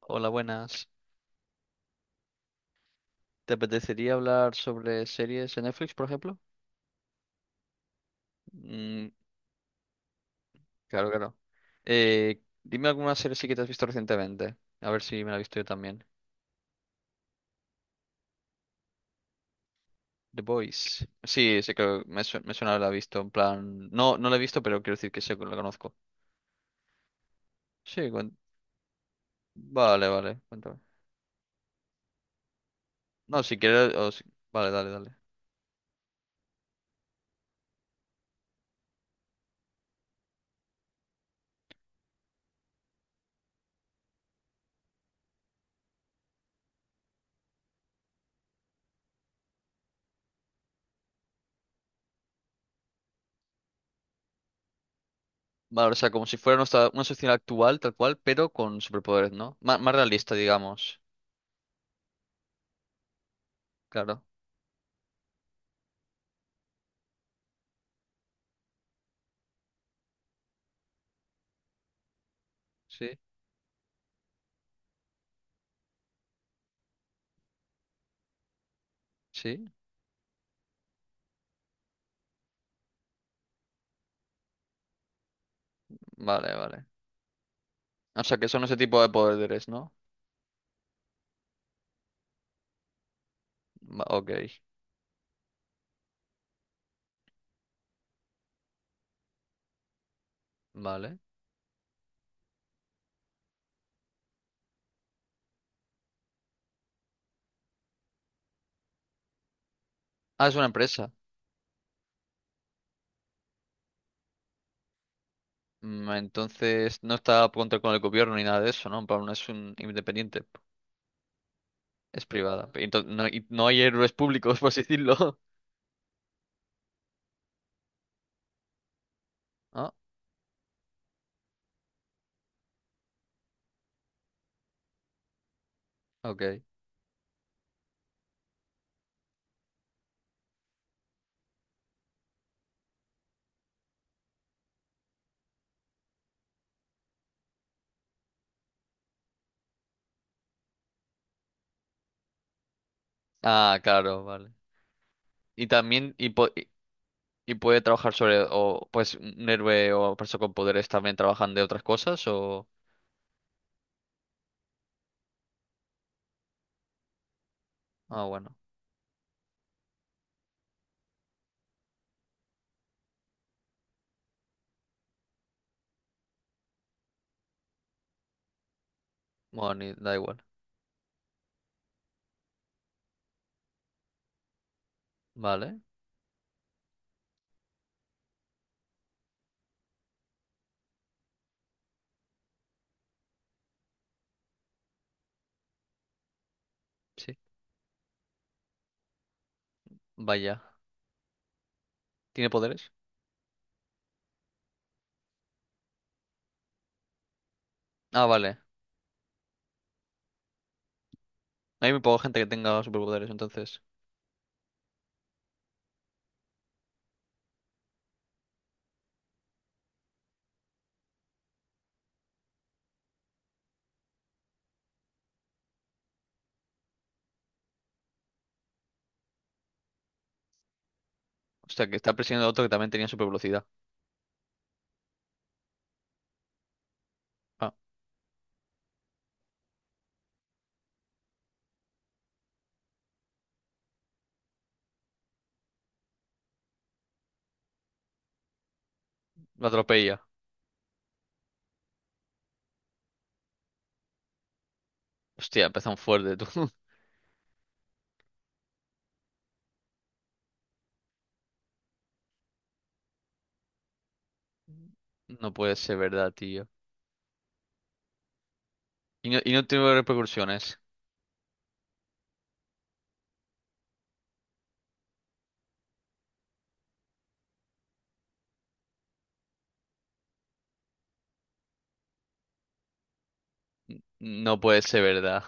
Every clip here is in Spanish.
Hola, buenas. ¿Te apetecería hablar sobre series en Netflix, por ejemplo? Mm, claro, claro. Dime alguna serie sí que te has visto recientemente. A ver si me la he visto yo también. The Boys. Sí, sé que me suena haberla visto. En plan, no, no la he visto, pero quiero decir que sé que la conozco. Sí, cuen- vale, vale. Cuéntame. No, si quieres. O si- Vale, dale, dale. Vale, o sea, como si fuera una sociedad actual, tal cual, pero con superpoderes, ¿no? Más realista, digamos. Claro. Sí, sí. Vale, vale. O sea, que son ese tipo de poderes, ¿no? Ok, vale. Ah, es una empresa. Entonces no está a contra con el gobierno ni nada de eso, ¿no? En plan, no es un independiente, es privada. Entonces, no, y no hay héroes públicos, por así decirlo. Ah, ok. Ah, claro, vale. Y también, y puede trabajar sobre, o pues un héroe o persona con poderes también trabajan de otras cosas, o... Ah, bueno. Bueno, da igual. Vale, sí. Vaya. ¿Tiene poderes? Ah, vale. Hay muy poca gente que tenga superpoderes, entonces. O sea, que está persiguiendo a otro que también tenía supervelocidad. Ah, lo atropella. Hostia, empezó fuerte, tú. No puede ser verdad, tío. Y no tiene repercusiones. No puede ser verdad.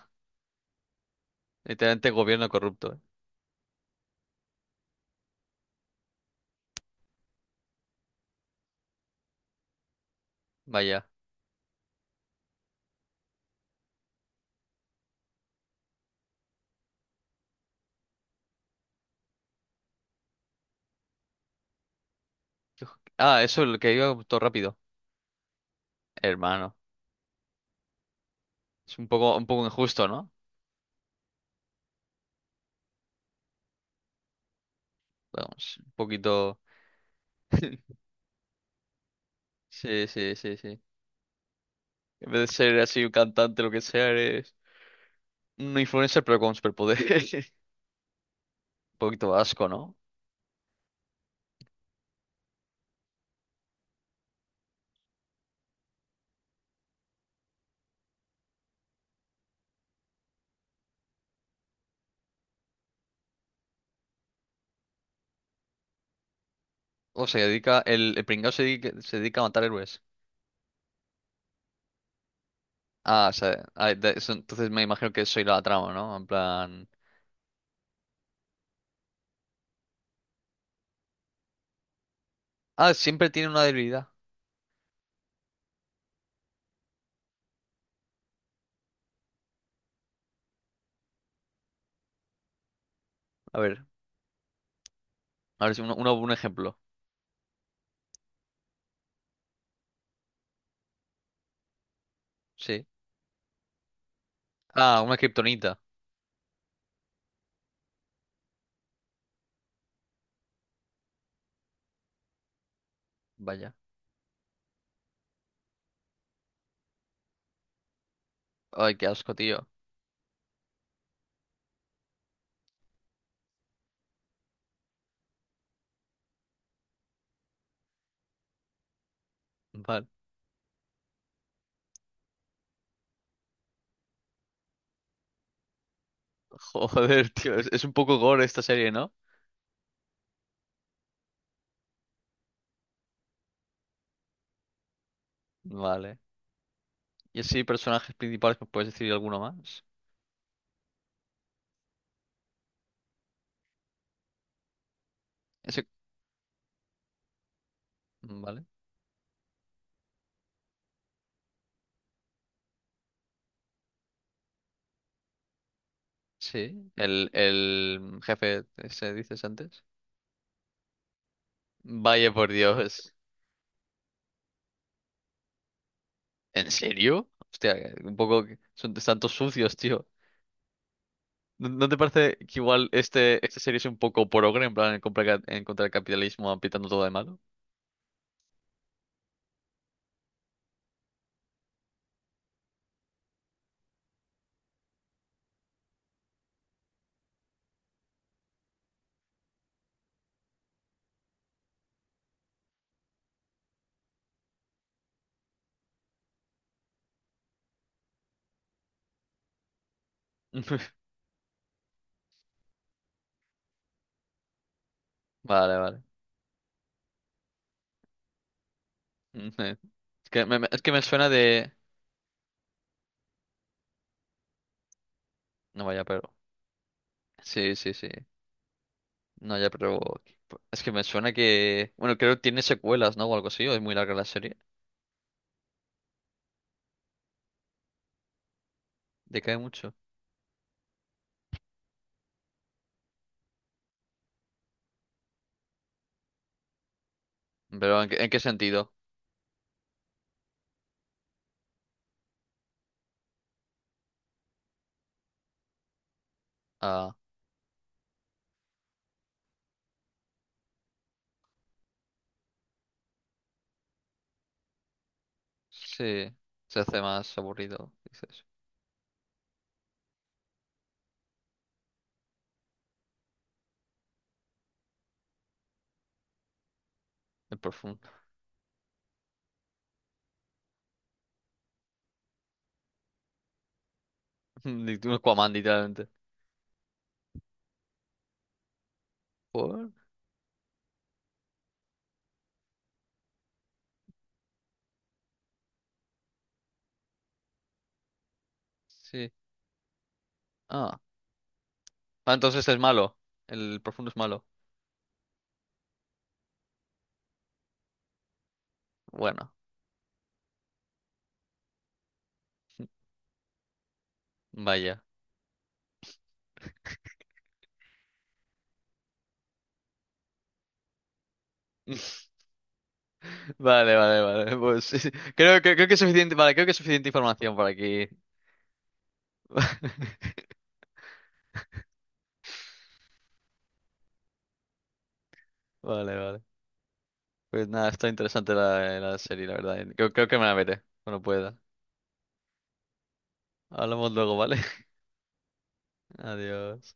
Literalmente gobierno corrupto, eh. Vaya. Ah, eso es lo que iba todo rápido. Hermano. Es un poco injusto, ¿no? Vamos, un poquito. Sí, sí, sí, sí. En vez de ser así un cantante, lo que sea, eres un influencer, pero con superpoderes. Un poquito asco, ¿no? O se dedica, el pringao se dedica a matar héroes. Ah, o sea, ah, entonces me imagino que soy la trama, ¿no? En plan... Ah, siempre tiene una debilidad. A ver, a ver si un ejemplo. Sí. Ah, una kriptonita. Vaya. Ay, qué asco, tío. Vale. Joder, tío, es un poco gore esta serie, ¿no? Vale. Y así, personajes principales, ¿me puedes decir alguno más? Ese... Vale. Sí. El jefe, ese dices antes. Vaya por Dios. ¿En serio? Hostia, un poco que son tantos sucios, tío. ¿No, no te parece que igual este, esta serie es un poco progre, en plan, en contra del capitalismo, apitando todo de malo? Vale, vale. Ujú. Es que es que me suena de... No vaya, pero... Sí, sí, sí. No, ya, pero... Es que me suena que... Bueno, creo que tiene secuelas, ¿no? O algo así, o es muy larga la serie. Decae mucho. Pero en qué sentido? Ah, sí. Se hace más aburrido, dices. El profundo. Un Aquaman, literalmente. ¿Por? Sí. Ah. Ah, entonces es malo. El profundo es malo. Bueno, vaya. Vale, vale, vale. Pues sí, sí. Creo que es suficiente. Vale, creo que es suficiente información para aquí. Vale, vale. Pues nada, está interesante la, la serie, la verdad. Creo que me la veré cuando pueda. Hablamos luego, ¿vale? Adiós.